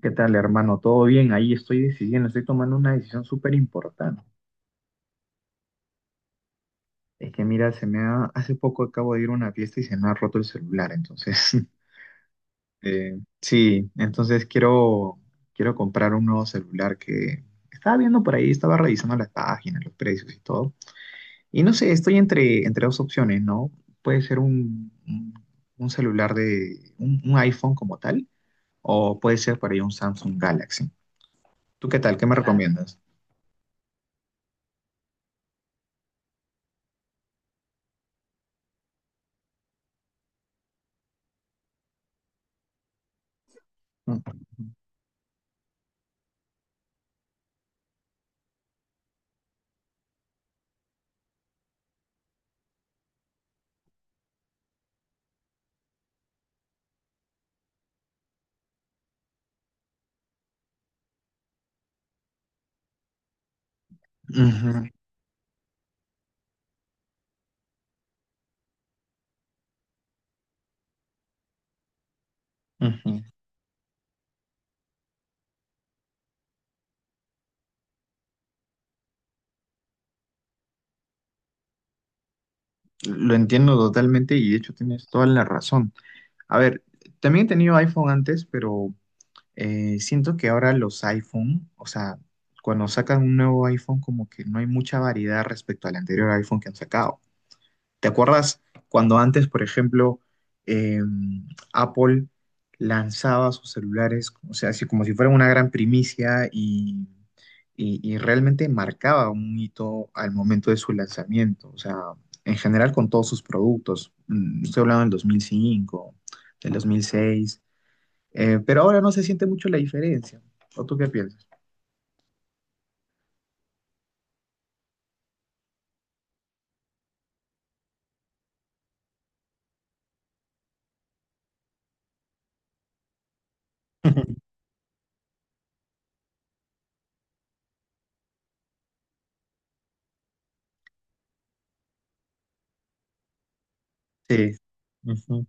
¿Qué tal, hermano? ¿Todo bien? Ahí estoy decidiendo, estoy tomando una decisión súper importante. Es que mira, hace poco acabo de ir a una fiesta y se me ha roto el celular, entonces, sí, entonces quiero comprar un nuevo celular que estaba viendo por ahí, estaba revisando las páginas, los precios y todo. Y no sé, estoy entre dos opciones, ¿no? Puede ser un celular de, un iPhone como tal, o puede ser por ahí un Samsung Galaxy. ¿Tú qué tal? ¿Qué me recomiendas? Ujú. Ujú. Lo entiendo totalmente y de hecho tienes toda la razón. A ver, también he tenido iPhone antes, pero siento que ahora los iPhone, o sea, cuando sacan un nuevo iPhone, como que no hay mucha variedad respecto al anterior iPhone que han sacado. ¿Te acuerdas cuando antes, por ejemplo, eh, Apple lanzaba sus celulares, o sea, así como si fuera una gran primicia y, y realmente marcaba un hito al momento de su lanzamiento? O sea, en general con todos sus productos. Estoy hablando del 2005, del 2006, pero ahora no se siente mucho la diferencia. ¿O tú qué piensas? Sí. Ujú.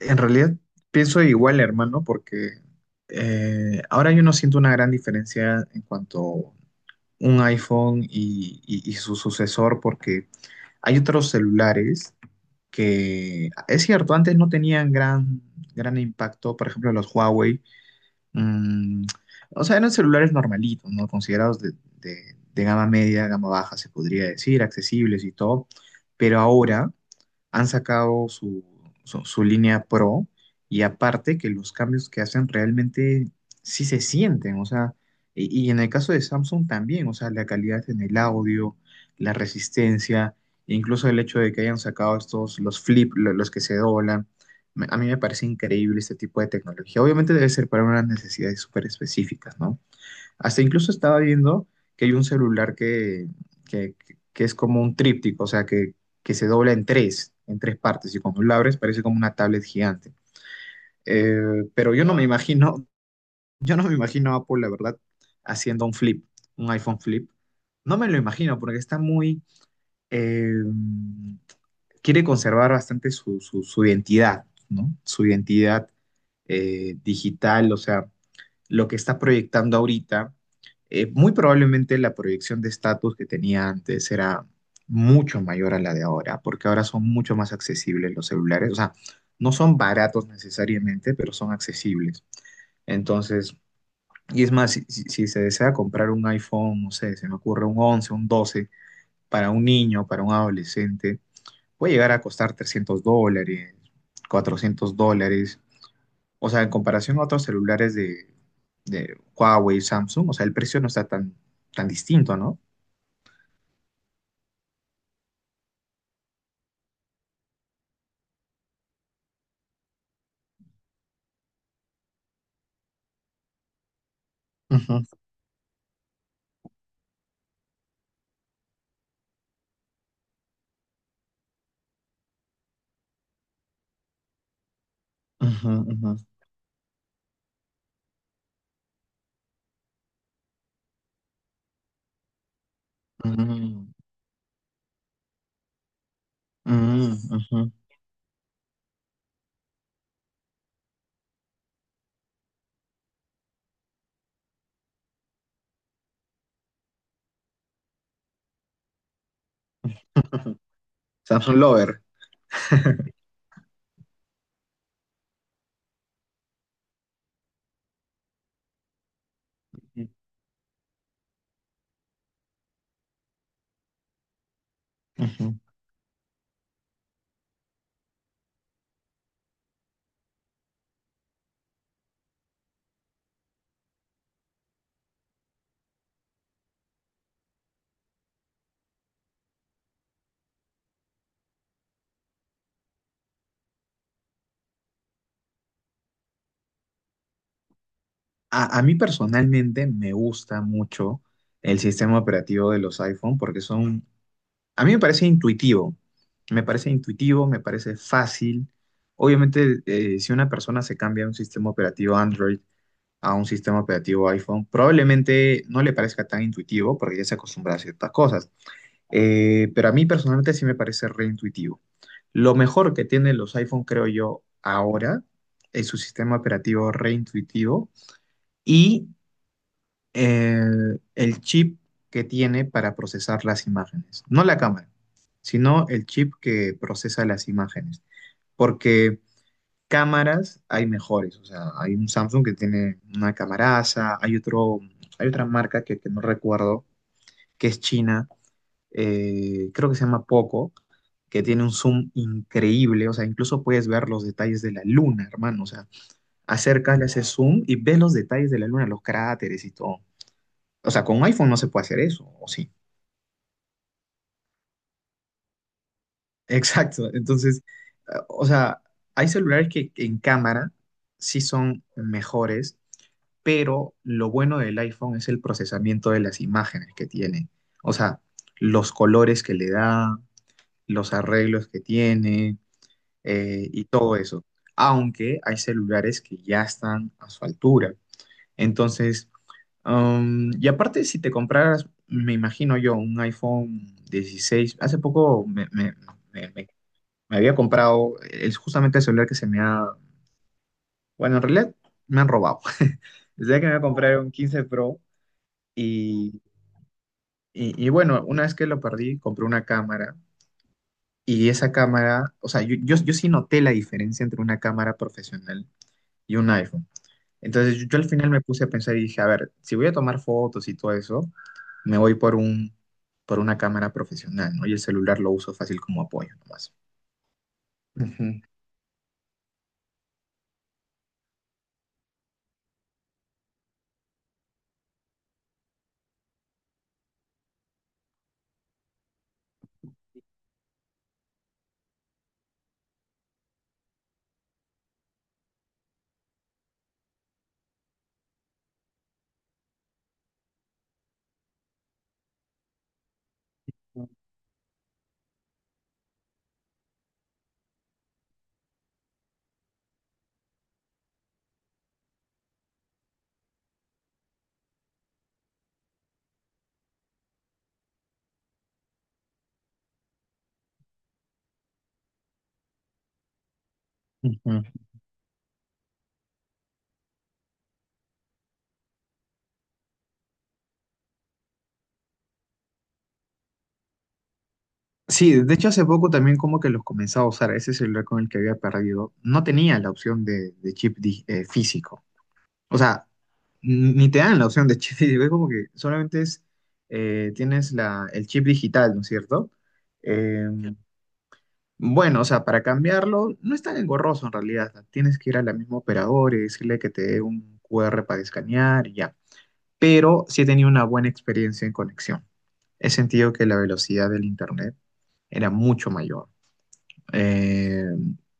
En realidad pienso igual, hermano, porque ahora yo no siento una gran diferencia en cuanto un iPhone y, y su sucesor, porque hay otros celulares que, es cierto, antes no tenían gran, gran impacto, por ejemplo, los Huawei, mm, o sea, eran celulares normalitos, ¿no? Considerados de, de gama media, gama baja, se podría decir, accesibles y todo, pero ahora han sacado su línea Pro y aparte que los cambios que hacen realmente sí se sienten, o sea, y en el caso de Samsung también, o sea, la calidad en el audio, la resistencia, e incluso el hecho de que hayan sacado estos, los flip, los que se doblan, a mí me parece increíble este tipo de tecnología. Obviamente debe ser para unas necesidades súper específicas, ¿no? Hasta incluso estaba viendo que hay un celular que, que es como un tríptico, o sea, que se dobla en tres partes, y cuando lo abres parece como una tablet gigante. Eh, pero yo no me imagino, yo no me imagino a Apple, la verdad, haciendo un flip, un iPhone flip. No me lo imagino porque está muy, eh, quiere conservar bastante su identidad, ¿no? Su identidad digital, o sea lo que está proyectando ahorita, muy probablemente la proyección de estatus que tenía antes era mucho mayor a la de ahora, porque ahora son mucho más accesibles los celulares. O sea, no son baratos necesariamente, pero son accesibles. Entonces, y es más, si se desea comprar un iPhone, no sé, se me ocurre un 11, un 12 para un niño, para un adolescente, puede llegar a costar $300, $400. O sea, en comparación a otros celulares de Huawei, Samsung, o sea, el precio no está tan, tan distinto, ¿no? Ujú, ujú, ujú. Mm, mm, ujú. Samsung Lover. Ujú. A mí personalmente me gusta mucho el sistema operativo de los iPhone porque son, a mí me parece intuitivo, me parece intuitivo, me parece fácil. Obviamente, si una persona se cambia de un sistema operativo Android a un sistema operativo iPhone, probablemente no le parezca tan intuitivo porque ya se acostumbra a ciertas cosas. Pero a mí personalmente sí me parece reintuitivo. Lo mejor que tienen los iPhone, creo yo, ahora es su sistema operativo reintuitivo y eh, el chip que tiene para procesar las imágenes. No la cámara, sino el chip que procesa las imágenes. Porque cámaras hay mejores. O sea, hay un Samsung que tiene una camaraza, hay otro, hay otra marca que no recuerdo, que es china creo que se llama Poco, que tiene un zoom increíble, o sea, incluso puedes ver los detalles de la luna, hermano, o sea, acercas, le haces zoom y ves los detalles de la luna, los cráteres y todo. O sea, con un iPhone no se puede hacer eso, ¿o sí? Exacto, entonces, o sea, hay celulares que en cámara sí son mejores, pero lo bueno del iPhone es el procesamiento de las imágenes que tiene, o sea, los colores que le da, los arreglos que tiene y todo eso. Aunque hay celulares que ya están a su altura. Entonces, y aparte, si te compraras, me imagino yo, un iPhone 16. Hace poco me- me- me había comprado, es justamente el celular que se me ha, bueno, en realidad me han robado. Desde que me compré un 15 Pro y, y bueno, una vez que lo perdí, compré una cámara y esa cámara, o sea, yo sí noté la diferencia entre una cámara profesional y un iPhone. Entonces yo al final me puse a pensar y dije, a ver, si voy a tomar fotos y todo eso, me voy por una cámara profesional, ¿no? Y el celular lo uso fácil como apoyo nomás. Ujú, ujú. Sí, de hecho hace poco también como que los comenzaba a usar, ese celular con el que había perdido, no tenía la opción de chip físico. O sea, ni te dan la opción de chip físico, es como que solamente es, tienes el chip digital, ¿no es cierto? Eh, Bueno, o sea, para cambiarlo, no es tan engorroso en realidad. Tienes que ir al mismo operador y decirle que te dé un QR para escanear y ya. Pero sí he tenido una buena experiencia en conexión. He sentido que la velocidad del internet era mucho mayor. Eh,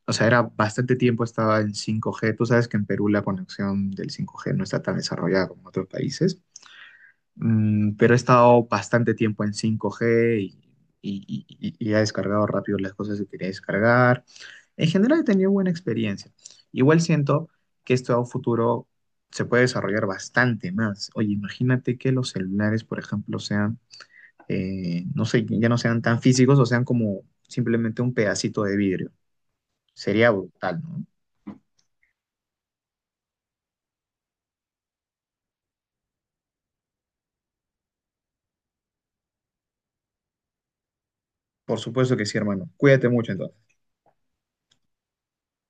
o sea, era bastante tiempo estaba en 5G. Tú sabes que en Perú la conexión del 5G no está tan desarrollada como en otros países. Pero he estado bastante tiempo en 5G y, y he descargado rápido las cosas que quería descargar. En general he tenido buena experiencia. Igual siento que esto a un futuro se puede desarrollar bastante más. Oye, imagínate que los celulares, por ejemplo, sean, no sé, ya no sean tan físicos o sean como simplemente un pedacito de vidrio. Sería brutal, ¿no? Por supuesto que sí, hermano. Cuídate mucho entonces.